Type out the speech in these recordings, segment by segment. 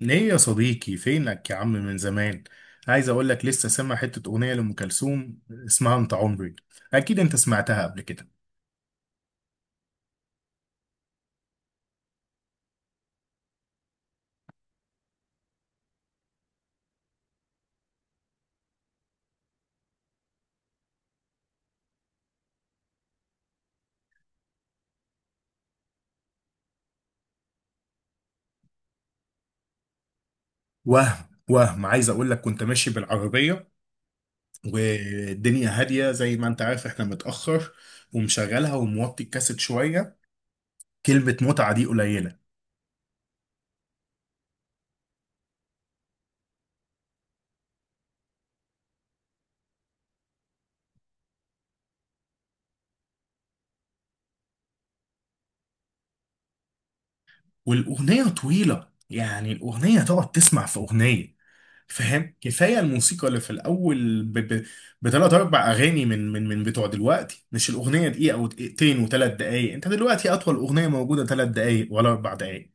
ليه يا صديقي؟ فينك يا عم من زمان. عايز اقول لك لسه سامع حتة اغنية لأم كلثوم اسمها انت عمري. اكيد انت سمعتها قبل كده. وهم عايز اقول لك كنت ماشي بالعربية والدنيا هادية، زي ما انت عارف احنا متأخر، ومشغلها وموطي الكاسيت شوية. كلمة متعة دي قليلة. والاغنية طويلة، يعني الاغنية تقعد تسمع في اغنية، فاهم؟ كفايه الموسيقى اللي في الاول بثلاث اربع اغاني من بتوع دلوقتي. مش الاغنيه دقيقه او دقيقتين وثلاث دقائق؟ انت دلوقتي اطول اغنيه موجوده ثلاث دقائق ولا اربع دقائق.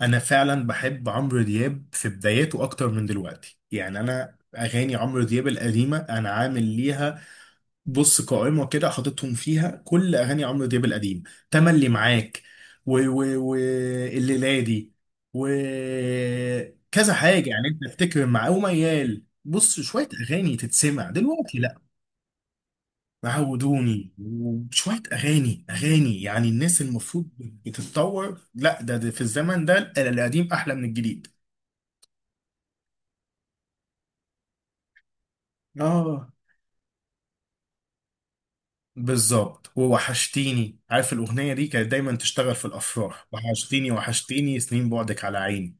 انا فعلا بحب عمرو دياب في بداياته اكتر من دلوقتي. يعني انا اغاني عمرو دياب القديمه انا عامل ليها بص قائمة كده، حاططهم فيها كل أغاني عمرو دياب القديم. تملي معاك و و الليلادي و كذا حاجة. يعني أنت تفتكر مع وميال؟ بص، شوية أغاني تتسمع دلوقتي؟ لأ. عودوني وشوية أغاني أغاني، يعني الناس المفروض بتتطور. لأ ده في الزمن ده القديم أحلى من الجديد. آه. بالظبط، ووحشتيني. عارف الأغنية دي كانت دايما تشتغل في الأفراح؟ وحشتيني وحشتيني سنين بعدك على عيني.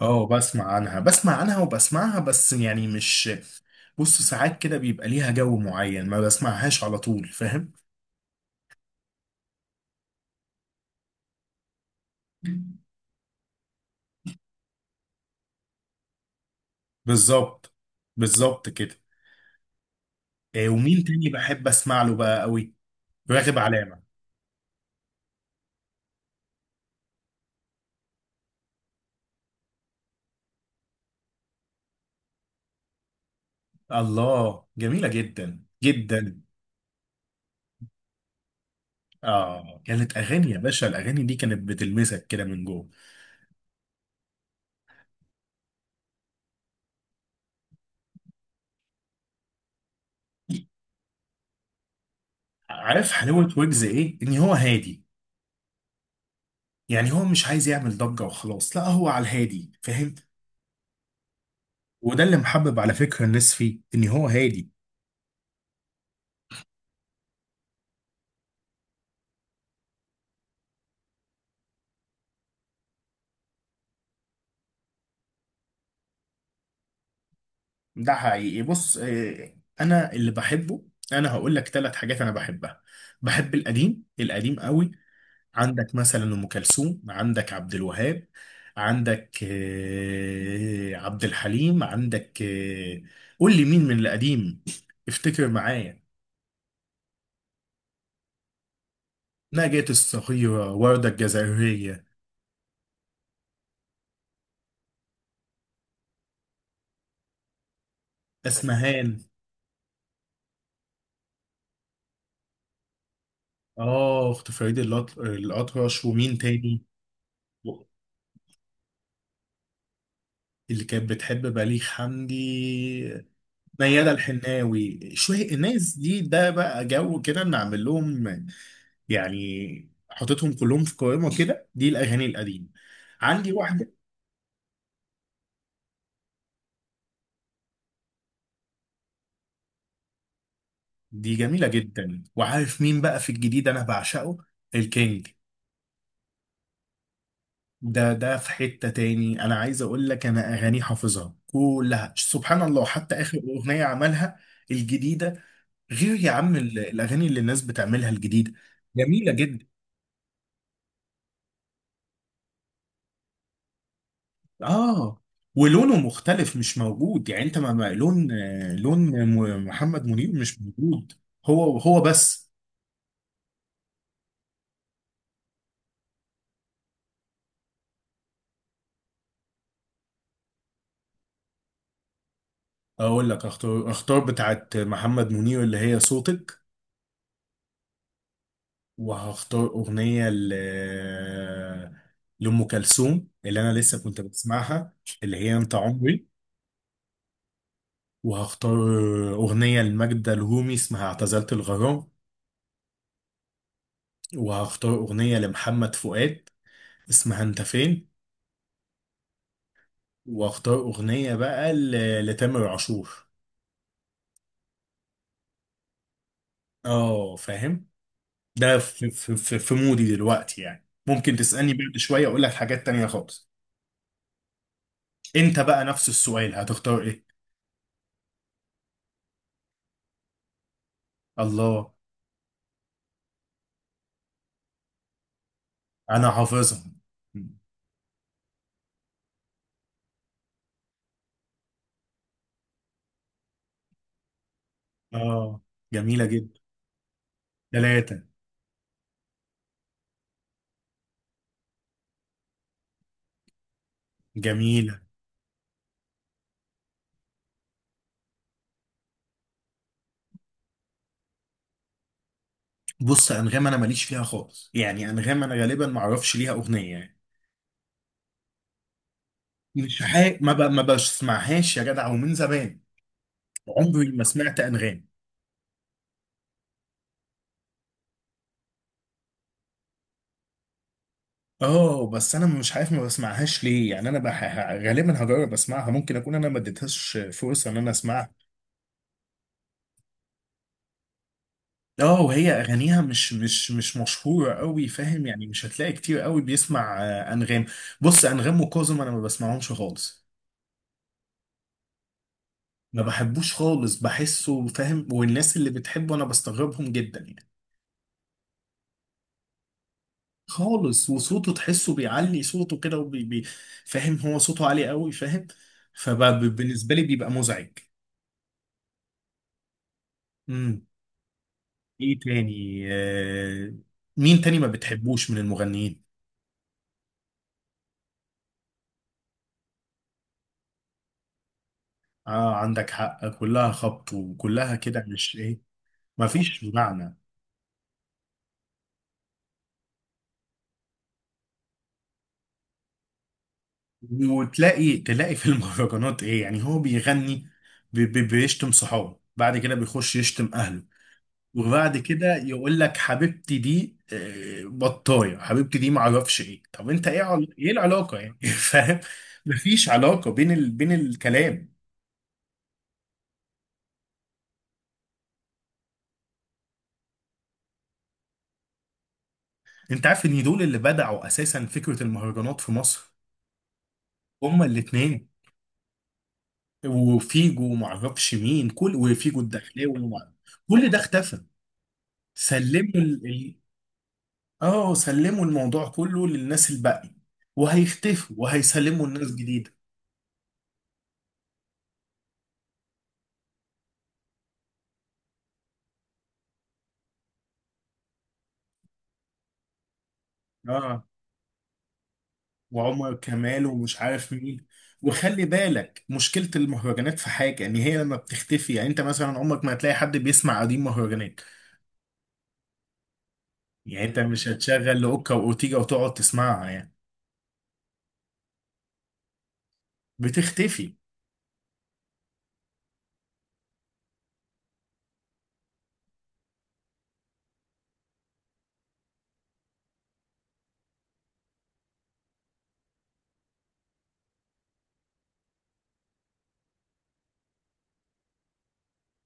اه بسمع عنها، بسمع عنها وبسمعها، بس يعني مش، بص ساعات كده بيبقى ليها جو معين ما بسمعهاش على طول، فاهم. بالظبط. بالظبط كده. آه، ومين تاني بحب أسمع له بقى قوي؟ راغب علامة. الله جميلة جدا جدا. اه كانت أغاني يا باشا، الأغاني دي كانت بتلمسك كده من جوه. عارف حلاوة ويجز ايه؟ ان هو هادي. يعني هو مش عايز يعمل ضجة وخلاص، لا هو على الهادي، فاهم؟ وده اللي محبب على فكرة الناس فيه، ان هو هادي. ده حقيقي. بص، آه، انا اللي بحبه، انا هقول لك ثلاث حاجات انا بحبها. بحب القديم القديم قوي. عندك مثلا ام كلثوم، عندك عبد الوهاب، عندك آه، عبد الحليم، عندك آه، قول لي مين من القديم، افتكر معايا. نجاة الصغيرة، وردة الجزائرية. اسمهان. اه اخت فريد الأطرش. ومين تاني؟ اللي كانت بتحب بليغ حمدي؟ ميادة الحناوي. شوية الناس دي ده بقى جو كده نعمل لهم. يعني حطيتهم كلهم في قائمة كده دي الأغاني القديمة. عندي واحدة. دي جميلة جدا. وعارف مين بقى في الجديد أنا بعشقه؟ الكينج. ده في حتة تاني، أنا عايز أقول لك أنا أغانيه حافظها كلها سبحان الله، حتى آخر أغنية عملها الجديدة. غير يا عم الاغاني اللي الناس بتعملها الجديده، جميله جدا. اه ولونه مختلف مش موجود، يعني انت لون آه، لون محمد منير مش موجود. هو هو بس. اقول لك، اختار، اختار بتاعت محمد منير اللي هي صوتك، وهختار اغنيه ل لام كلثوم اللي انا لسه كنت بسمعها، اللي هي انت عمري، وهختار اغنيه لماجدة الرومي اسمها اعتزلت الغرام، وهختار أغنية لمحمد فؤاد اسمها انت فين، واختار اغنيه بقى لتامر عاشور. اه فاهم، ده في, في مودي دلوقتي، يعني ممكن تسالني بعد شويه اقول لك حاجات تانية خالص. انت بقى نفس السؤال، هتختار ايه؟ الله. انا حافظها. اه جميله جدا. ثلاثه. جميله. بص انغام انا ماليش فيها خالص، يعني انغام انا غالبا ما اعرفش ليها اغنيه يعني. مش حاجه ما بسمعهاش يا جدع، ومن زمان عمري ما سمعت انغام. اه بس انا مش عارف ما بسمعهاش ليه، يعني انا بح... غالبا هجرب اسمعها، ممكن اكون انا ما اديتهاش فرصه ان انا اسمعها. اه وهي اغانيها مش مشهوره قوي فاهم، يعني مش هتلاقي كتير قوي بيسمع آه، انغام. بص انغام وكاظم انا ما بسمعهمش خالص. ما بحبوش خالص، بحسه فاهم، والناس اللي بتحبه انا بستغربهم جدا يعني. خالص. وصوته تحسه بيعلي صوته كده فاهم هو صوته عالي قوي، فاهم، فبالنسبه لي بيبقى مزعج. ايه تاني آه، مين تاني ما بتحبوش من المغنيين؟ اه عندك حق كلها خبط وكلها كده، مش ايه، ما فيش معنى. وتلاقي تلاقي في المهرجانات ايه؟ يعني هو بيغني بي بيشتم صحابه، بعد كده بيخش يشتم اهله، وبعد كده يقول لك حبيبتي دي آه، بطايه حبيبتي دي ما اعرفش ايه. طب انت ايه عل... ايه العلاقه يعني، فاهم. مفيش علاقه بين بين الكلام. انت عارف ان دول اللي بدعوا اساسا فكره المهرجانات في مصر؟ هما الاثنين، وفيجو، وما اعرفش مين، كل وفيجو الدخلاوي كل ده اختفى. سلموا اه سلموا الموضوع كله للناس الباقي، وهيختفوا وهيسلموا الناس جديده. اه وعمر كمال ومش عارف مين. وخلي بالك مشكله المهرجانات في حاجه، ان هي لما بتختفي، يعني انت مثلا عمرك ما هتلاقي حد بيسمع قديم مهرجانات، يعني انت مش هتشغل لاوكا واورتيجا وتقعد تسمعها يعني، بتختفي.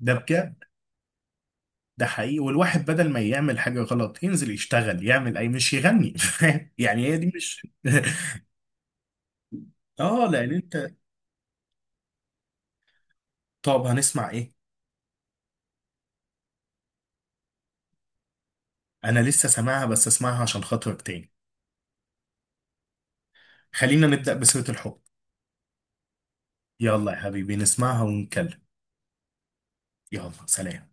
ده ده حقيقي، والواحد بدل ما يعمل حاجة غلط ينزل يشتغل يعمل أي، مش يغني، فاهم؟ يعني هي دي مش. اه لأن أنت. طب هنسمع إيه؟ أنا لسه سامعها، بس أسمعها عشان خاطرك تاني. خلينا نبدأ بسيرة الحب. يلا يا حبيبي نسمعها ونتكلم. يلا سلام.